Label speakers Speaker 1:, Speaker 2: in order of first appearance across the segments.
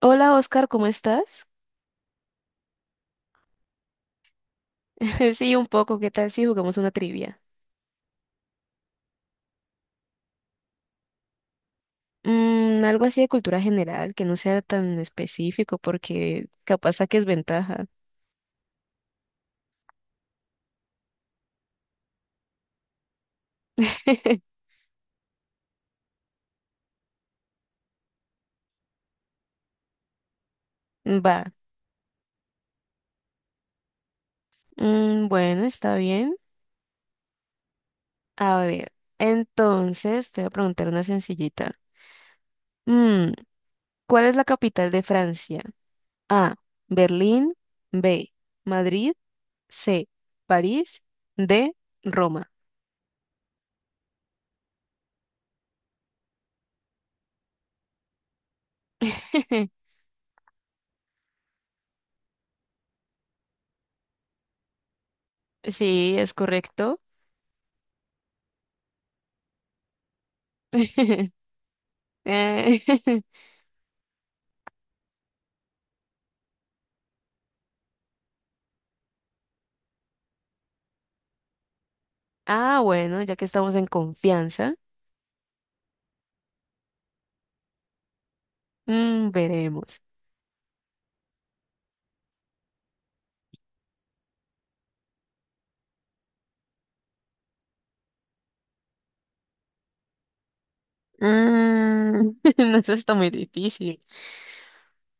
Speaker 1: Hola Oscar, ¿cómo estás? Sí, un poco, ¿qué tal si jugamos una trivia? Algo así de cultura general, que no sea tan específico porque capaz saques ventaja. Va. Bueno, está bien. A ver, entonces te voy a preguntar una sencillita. Mm, ¿Cuál es la capital de Francia? A, Berlín, B, Madrid, C, París, D, Roma. Sí, es correcto. Eh, Ah, bueno, ya que estamos en confianza, veremos. Mm, no, eso está muy difícil.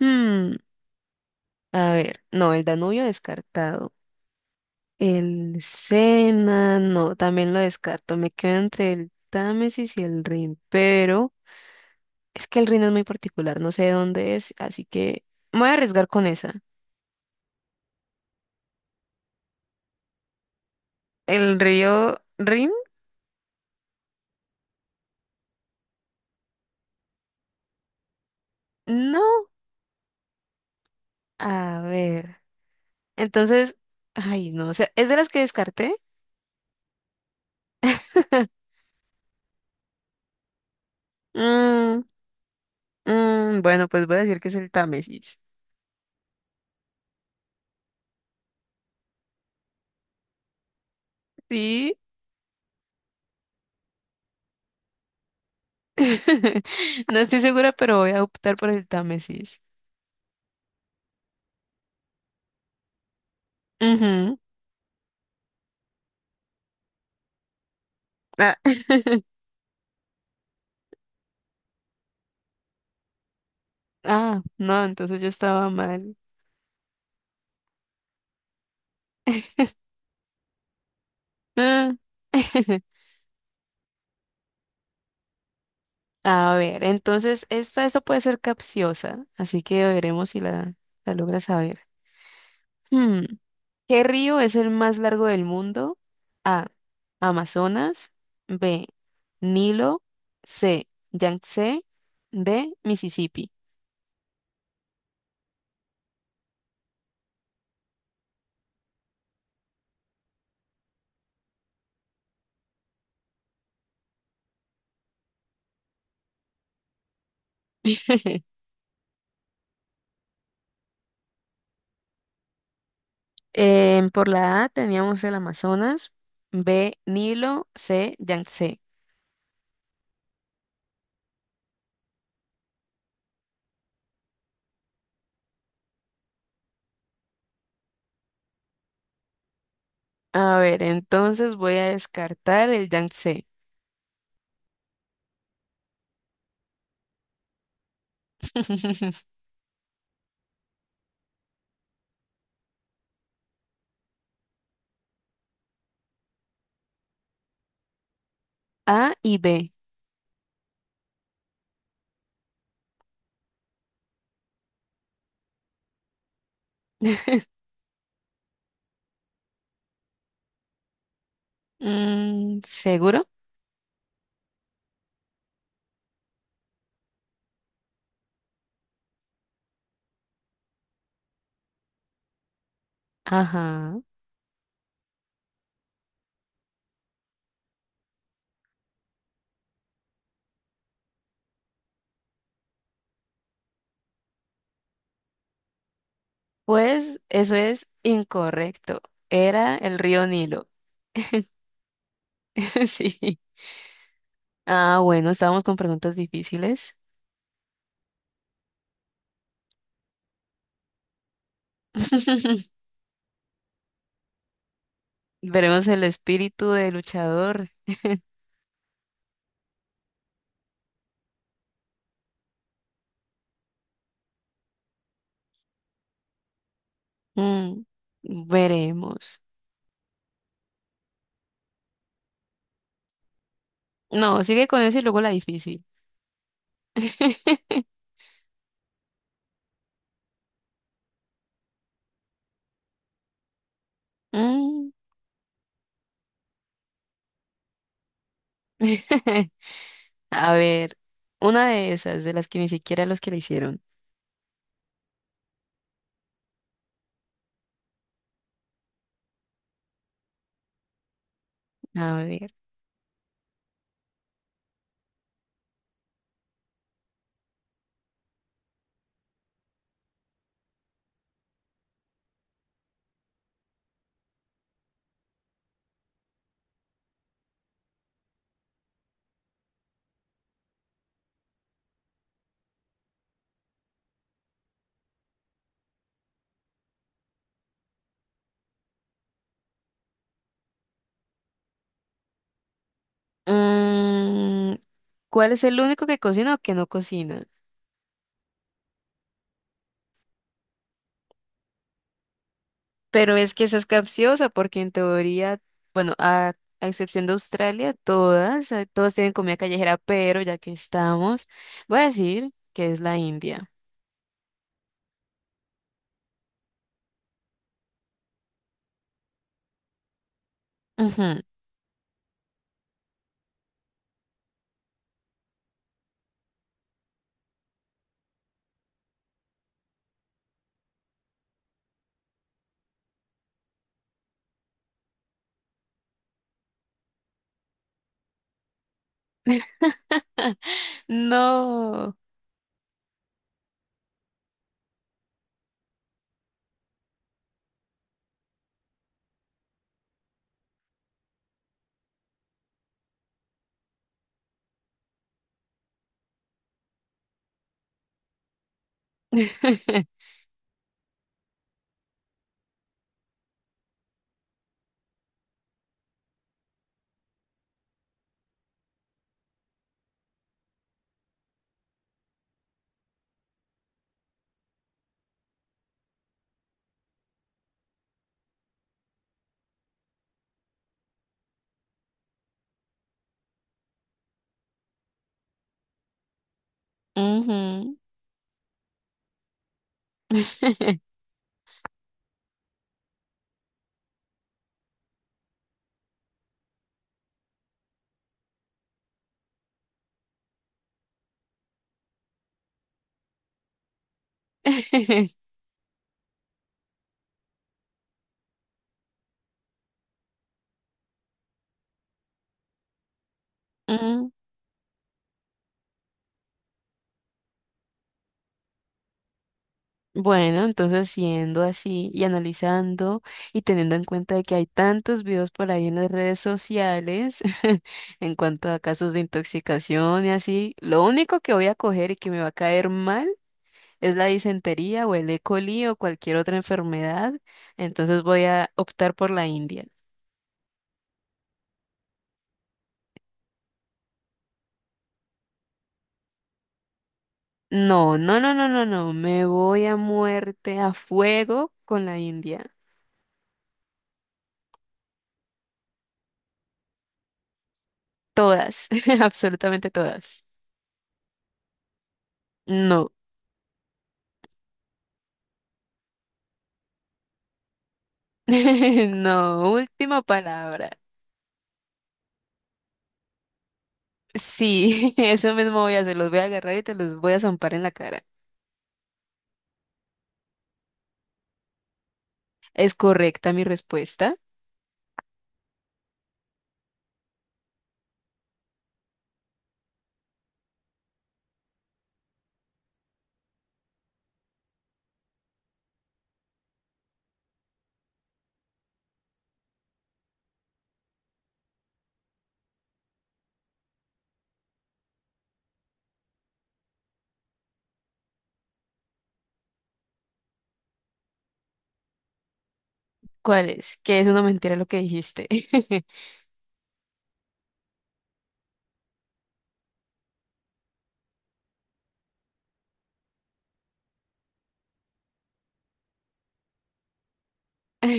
Speaker 1: Mm, a ver, no, el Danubio descartado. El Sena, no, también lo descarto. Me quedo entre el Támesis y el Rin, pero es que el Rin es muy particular, no sé de dónde es, así que me voy a arriesgar con esa. ¿El río Rin? No. A ver. Entonces, ay, no, o sea, es de las que descarté. Mm, bueno, pues voy a decir que es el Támesis. Sí. No estoy segura, pero voy a optar por el Támesis. Ujú. Ah. Ah, no, entonces yo estaba mal. Ah. A ver, entonces esta puede ser capciosa, así que veremos si la logras saber. Hmm, ¿Qué río es el más largo del mundo? A. Amazonas. B. Nilo. C. Yangtze. D. Mississippi. Em, por la A teníamos el Amazonas, B, Nilo, C, Yangtze. A ver, entonces voy a descartar el Yangtze. A y B. ¿Seguro? Ajá. Pues eso es incorrecto. Era el río Nilo. Sí. Ah, bueno, estábamos con preguntas difíciles. Veremos el espíritu de luchador. Mm, Veremos. No, sigue con eso y luego la difícil. Mm. A ver, una de esas, de las que ni siquiera los que le hicieron. A ver. mm, ¿Cuál es el único que cocina o que no cocina? Pero es que esa es capciosa porque en teoría, bueno, a excepción de Australia, todas, todas tienen comida callejera, pero ya que estamos, voy a decir que es la India. Ujú. No. Ujú. Mm. Bueno, entonces siendo así y analizando y teniendo en cuenta de que hay tantos videos por ahí en las redes sociales en cuanto a casos de intoxicación y así, lo único que voy a coger y que me va a caer mal es la disentería o el E. coli o cualquier otra enfermedad, entonces voy a optar por la India. No, no, no, no, no, no, me voy a muerte, a fuego con la India. Todas, absolutamente todas. No. No, última palabra. Sí, eso mismo voy a hacer. Los voy a agarrar y te los voy a zampar en la cara. ¿Es correcta mi respuesta? ¿Cuál es? Que es una mentira lo que dijiste.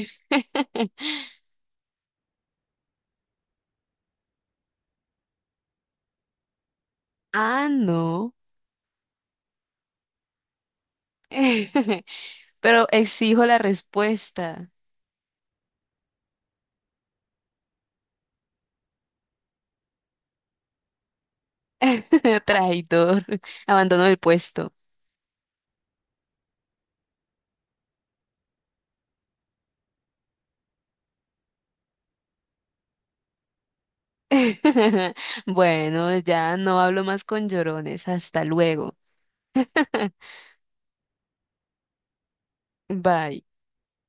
Speaker 1: Ah, no. Pero exijo la respuesta. Traidor. Abandono el puesto. Bueno, ya no hablo más con llorones. Hasta luego. Bye.